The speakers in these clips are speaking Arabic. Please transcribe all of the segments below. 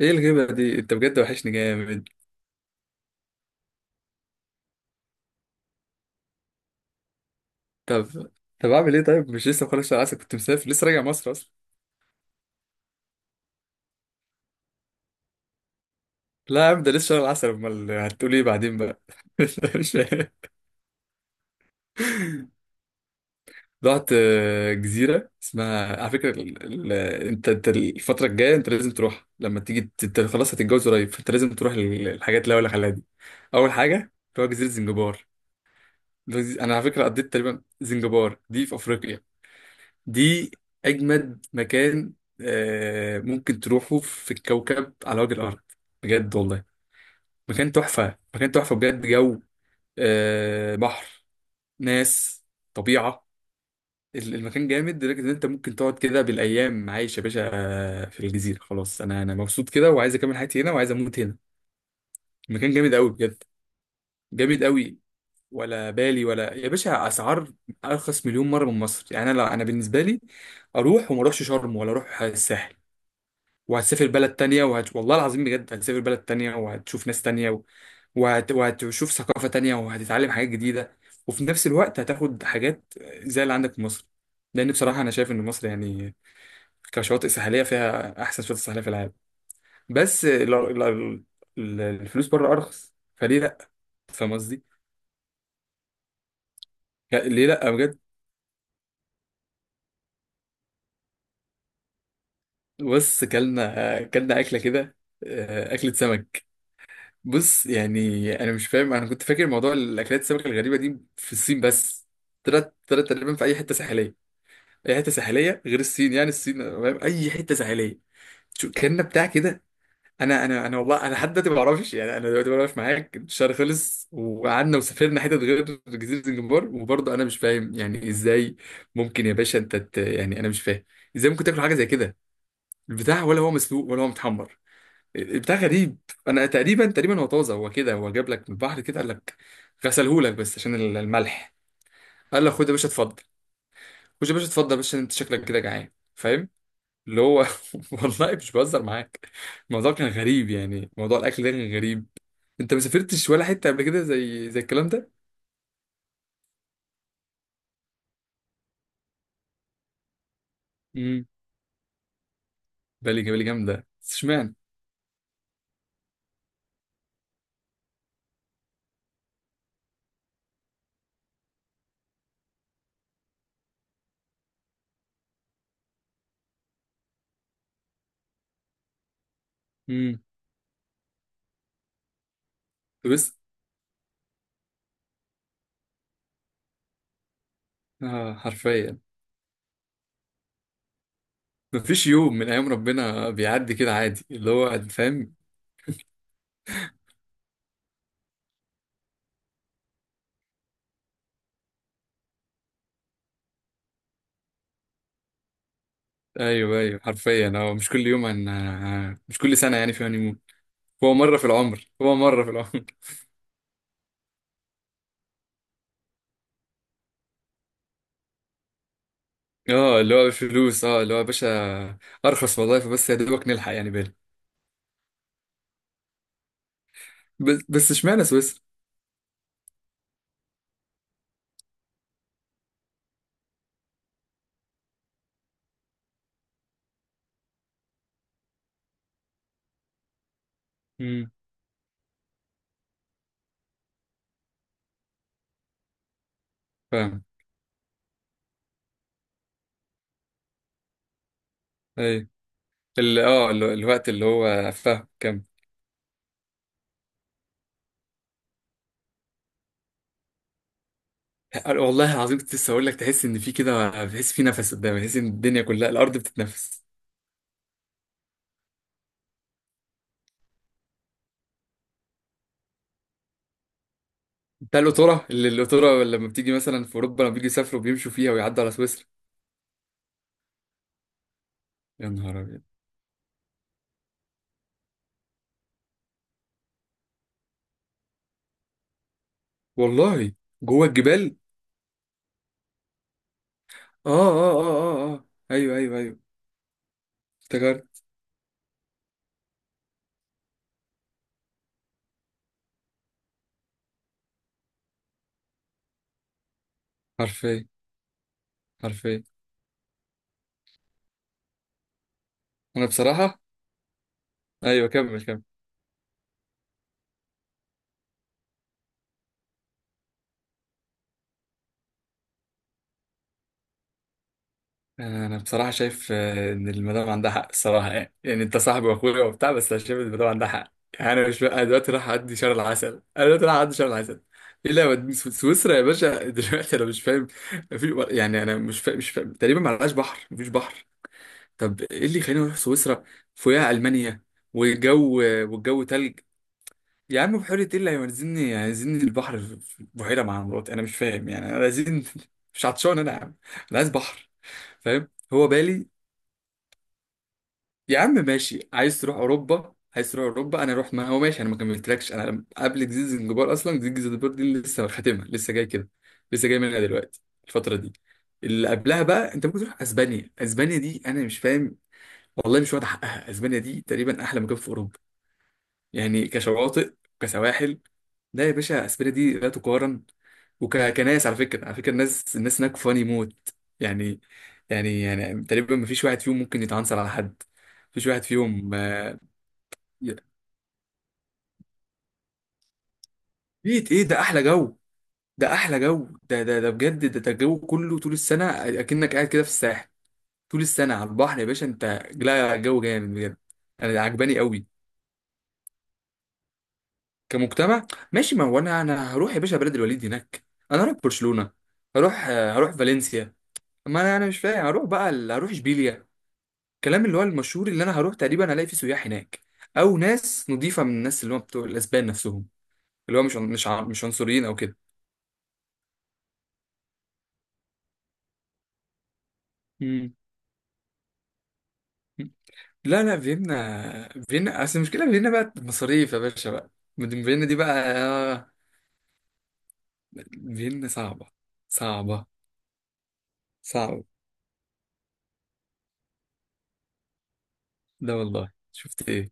ايه الغيبة دي؟ انت بجد وحشني جامد. طب طب، اعمل ايه؟ طيب، مش لسه مخلص شهر العسل؟ كنت مسافر، لسه راجع مصر اصلا. لا يا عم، ده لسه شهر العسل، امال هتقول ايه بعدين بقى؟ مش فاهم. رحت جزيرة اسمها على فكرة ال... انت الفترة الجاية، انت لازم تروح لما انت خلاص هتتجوز قريب، فانت لازم تروح الحاجات اللي هقول لك عليها دي. اول حاجة، اللي هو جزيرة زنجبار. اللي هو انا على فكرة قضيت تقريبا، زنجبار دي في افريقيا. دي أجمد مكان ممكن تروحه في الكوكب على وجه الأرض، بجد والله. مكان تحفة، مكان تحفة، بجد جو. بحر، ناس، طبيعة. المكان جامد لدرجة إن أنت ممكن تقعد كده بالأيام عايش يا باشا. في الجزيرة خلاص، أنا مبسوط كده وعايز أكمل حياتي هنا وعايز أموت هنا. المكان جامد أوي بجد. جامد أوي. ولا بالي ولا يا باشا أسعار. أرخص مليون مرة من مصر. يعني أنا بالنسبة لي أروح وما أروحش شرم ولا أروح الساحل. وهتسافر بلد تانية والله العظيم بجد هتسافر بلد تانية وهتشوف ناس تانية وهتشوف ثقافة تانية وهتتعلم حاجات جديدة. وفي نفس الوقت هتاخد حاجات زي اللي عندك في مصر، لأن بصراحة أنا شايف إن مصر يعني كشواطئ ساحلية فيها أحسن شواطئ ساحلية في العالم. بس الفلوس بره أرخص، فليه لأ؟ فاهم قصدي؟ ليه لأ بجد. بص، كلنا أكلة كده. أكلة سمك. بص يعني انا مش فاهم، انا كنت فاكر موضوع الاكلات السمك الغريبه دي في الصين بس. طلعت تقريبا في اي حته ساحليه، اي حته ساحليه غير الصين يعني. الصين فاهم، اي حته ساحليه. شو كان بتاع كده. انا والله انا لحد دلوقتي ما بعرفش، يعني انا دلوقتي بعرف معاك الشهر خلص وقعدنا وسافرنا حتت غير جزيره الجمبار، وبرضه انا مش فاهم يعني ازاي ممكن يا باشا انت يعني انا مش فاهم ازاي ممكن تاكل حاجه زي كده. البتاع، ولا هو مسلوق ولا هو متحمر؟ بتاع غريب. انا تقريبا، تقريبا هو طازه، هو كده، هو جاب لك من البحر كده، قال لك غسلهولك بس عشان الملح. قال له خد يا باشا اتفضل، خد يا باشا اتفضل، بس انت شكلك كده جعان فاهم. اللي هو والله مش بهزر معاك. الموضوع كان غريب، يعني موضوع الاكل ده كان غريب. انت ما سافرتش ولا حته قبل كده زي الكلام ده؟ امم. بالي بالي جامده، بس اشمعنى؟ امم. بس. اه، حرفيا. مفيش يوم من ايام ربنا بيعدي كده عادي اللي هو فاهم. ايوه، ايوه، حرفيا. هو مش كل يوم مش كل سنه يعني في هانيمون. هو مره في العمر، هو مره في العمر. اه اللي هو بفلوس، اه اللي هو يا باشا ارخص وظايفه، بس يا دوبك نلحق يعني بالي. بس اشمعنى سويسرا؟ امم. فاهم. ايوه. الوقت اللي هو فاهم كام. والله العظيم كنت لسه اقول لك، تحس ان في كده، تحس في نفس قدامك، تحس ان الدنيا كلها الارض بتتنفس. بتاع القطوره، القطوره لما بتيجي مثلا في اوروبا لما بيجي يسافروا بيمشوا فيها ويعدوا على سويسرا. يا نهار ابيض. والله. جوه الجبال. اه، اه، اه، اه، اه، ايوه، ايوه، ايوه. افتكرت. حرفيا. حرفيا. انا بصراحه. ايوه، كمل كمل. انا بصراحه شايف ان المدام عندها حق الصراحه. يعني، يعني انت صاحبي واخويا وبتاع، بس انا شايف ان المدام عندها حق. يعني انا مش بقى، أنا دلوقتي رايح اعدي شهر العسل، انا دلوقتي رايح اعدي شهر العسل. ايه لا سويسرا يا باشا دلوقتي انا مش فاهم. في، يعني انا مش فاهم، مش فاهم. تقريبا ما لهاش بحر، مفيش بحر. طب ايه اللي يخليني اروح سويسرا؟ فوقها المانيا. والجو، والجو تلج. يا عم بحيرة ايه اللي هينزلني، هينزلني البحر في بحيرة مع مراتي؟ انا مش فاهم يعني، انا عايزين مش عطشان انا يا عم، انا عايز بحر. فاهم. هو بالي. يا عم ماشي، عايز تروح اوروبا، عايز تروح اوروبا انا اروح. ما هو ماشي، انا ما كملتلكش، انا قبل جزيرة زنجبار اصلا جزيرة زنجبار دي لسه خاتمها، لسه جاي كده، لسه جاي منها دلوقتي، الفترة دي. اللي قبلها بقى انت ممكن تروح اسبانيا. اسبانيا دي انا مش فاهم، والله مش واخد حقها. اسبانيا دي تقريبا احلى مكان في اوروبا، يعني كشواطئ، كسواحل. لا يا باشا اسبانيا دي لا تقارن. وكناس على فكره، على فكره الناس، الناس هناك فاني موت. يعني، يعني، يعني تقريبا ما فيش واحد فيهم ممكن يتعنصر على حد. ما فيش واحد فيهم ي- بيت ايه ده، احلى جو. ده احلى جو، ده ده ده بجد، ده ده الجو كله طول السنه. اكنك قاعد كده في الساحل طول السنه على البحر يا باشا انت. لا الجو جامد بجد. انا عجباني قوي. كمجتمع ماشي، ما هو انا، انا هروح يا باشا بلد الوليد هناك. انا هروح برشلونه، هروح هروح فالنسيا، ما انا انا مش فاهم هروح بقى هروح اشبيليا. الكلام اللي هو المشهور، اللي انا هروح تقريبا الاقي فيه سياح هناك، او ناس نضيفه من الناس اللي هم بتوع الاسبان نفسهم، اللي هو مش عنصريين او كده. مم. لا لا، فيينا. فيينا اصل المشكله، فيينا بقى مصاريف يا باشا بقى. مدن فيينا دي بقى فيينا صعبه، صعبه، صعبه. لا والله، شفت ايه.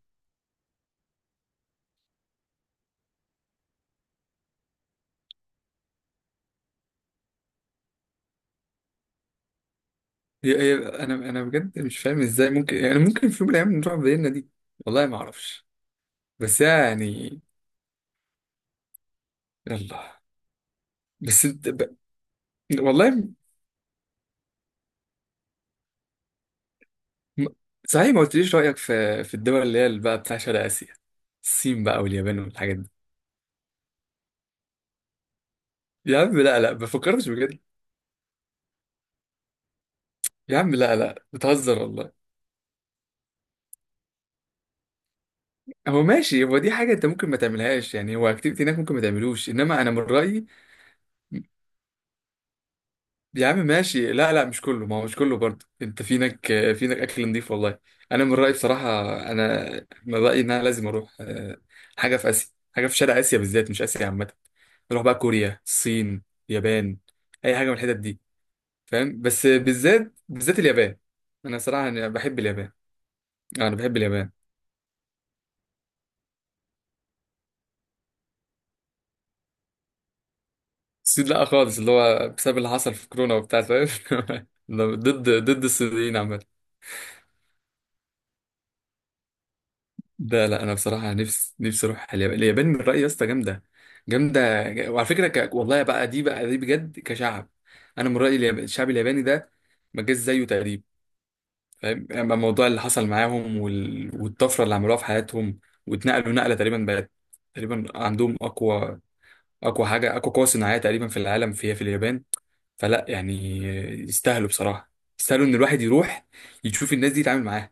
هي هي انا، انا بجد مش فاهم ازاي ممكن، يعني ممكن في يوم من الايام نروح فيينا دي. والله ما اعرفش. بس يعني. يلا. بس انت والله. م- صحيح ما قلتليش رأيك في الدول اللي هي اللي بقى بتاع شرق آسيا، الصين بقى واليابان والحاجات دي. يا عم لا لا، ما فكرتش بجد. يا عم لا لا، بتهزر والله. هو ماشي، هو دي حاجة انت ممكن ما تعملهاش يعني، هو اكتيفيتي هناك ممكن ما تعملوش، انما انا من رأيي. يا عم ماشي، لا لا، مش كله، ما هو مش كله برضه، انت في هناك، في هناك اكل نضيف والله. انا من رأيي بصراحة، انا من رأيي ان انا لازم اروح حاجة في آسيا، حاجة في شرق آسيا بالذات، مش آسيا عامة. نروح بقى كوريا، الصين، اليابان، اي حاجة من الحتت دي فاهم. بس بالذات، بالذات اليابان. انا صراحه أنا بحب اليابان، انا بحب اليابان. الصين لا خالص، اللي هو بسبب اللي حصل في كورونا وبتاع فاهم. ضد، ضد الصينيين عامه. ده لا انا بصراحه نفسي، نفسي اروح اليابان. اليابان من رايي يا اسطى جامده، وعلى فكره والله بقى، دي بقى دي بجد كشعب. انا من رايي اليابان، الشعب الياباني ده ما جاش زيه تقريبا فاهم. اما الموضوع اللي حصل معاهم والطفره اللي عملوها في حياتهم، واتنقلوا نقله تقريبا بقت تقريبا عندهم اقوى، اقوى حاجه، اقوى قوه صناعيه تقريبا في العالم، فيها في اليابان. فلا يعني، يستاهلوا بصراحه. يستاهلوا ان الواحد يروح يشوف الناس دي، يتعامل معاها،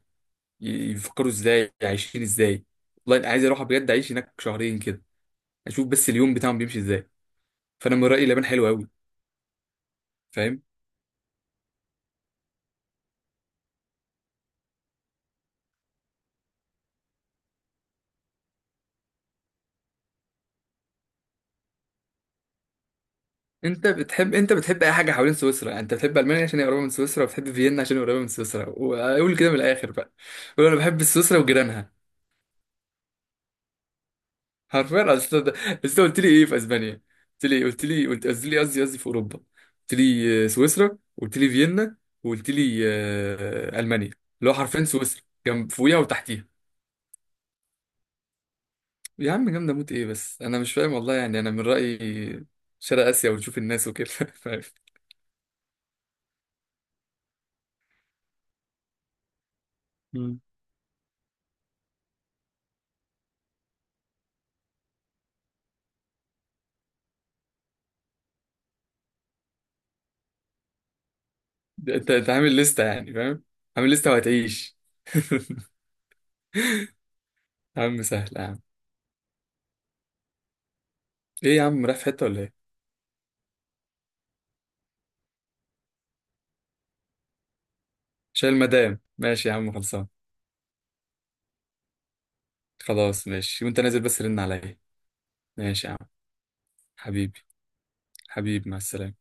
يفكروا ازاي، عايشين ازاي. والله انا عايز اروح بجد اعيش هناك شهرين كده، اشوف بس اليوم بتاعهم بيمشي ازاي. فانا من رايي اليابان حلوه قوي. فاهم. انت بتحب اي حاجه حوالين سويسرا يعني. انت بتحب المانيا عشان هي قريبه من سويسرا، وبتحب فيينا عشان هي قريبه من سويسرا، وقول كده من الاخر بقى. قول انا بحب سويسرا وجيرانها. حرفيا. اصل اصل انت قلت لي ايه في اسبانيا؟ قلت لي قصدي، لي قصدي في اوروبا. قلت لي سويسرا، قلت لي فيينا، وقلت لي المانيا، اللي هو حرفيا سويسرا جنب، فوقيها وتحتيها. يا عم جامده موت، ايه بس انا مش فاهم والله يعني. انا من رايي شرق اسيا، وتشوف الناس وكده فاهم. مم. انت عامل لسته يعني فاهم. عامل لسته وهتعيش. يا عم سهل يا عم. ايه يا عم رايح في حته ولا ايه؟ شايل مدام، ماشي يا عم، خلصان. خلاص ماشي، وانت نازل بس رن عليا. ماشي يا عم. حبيبي، حبيبي مع السلامة.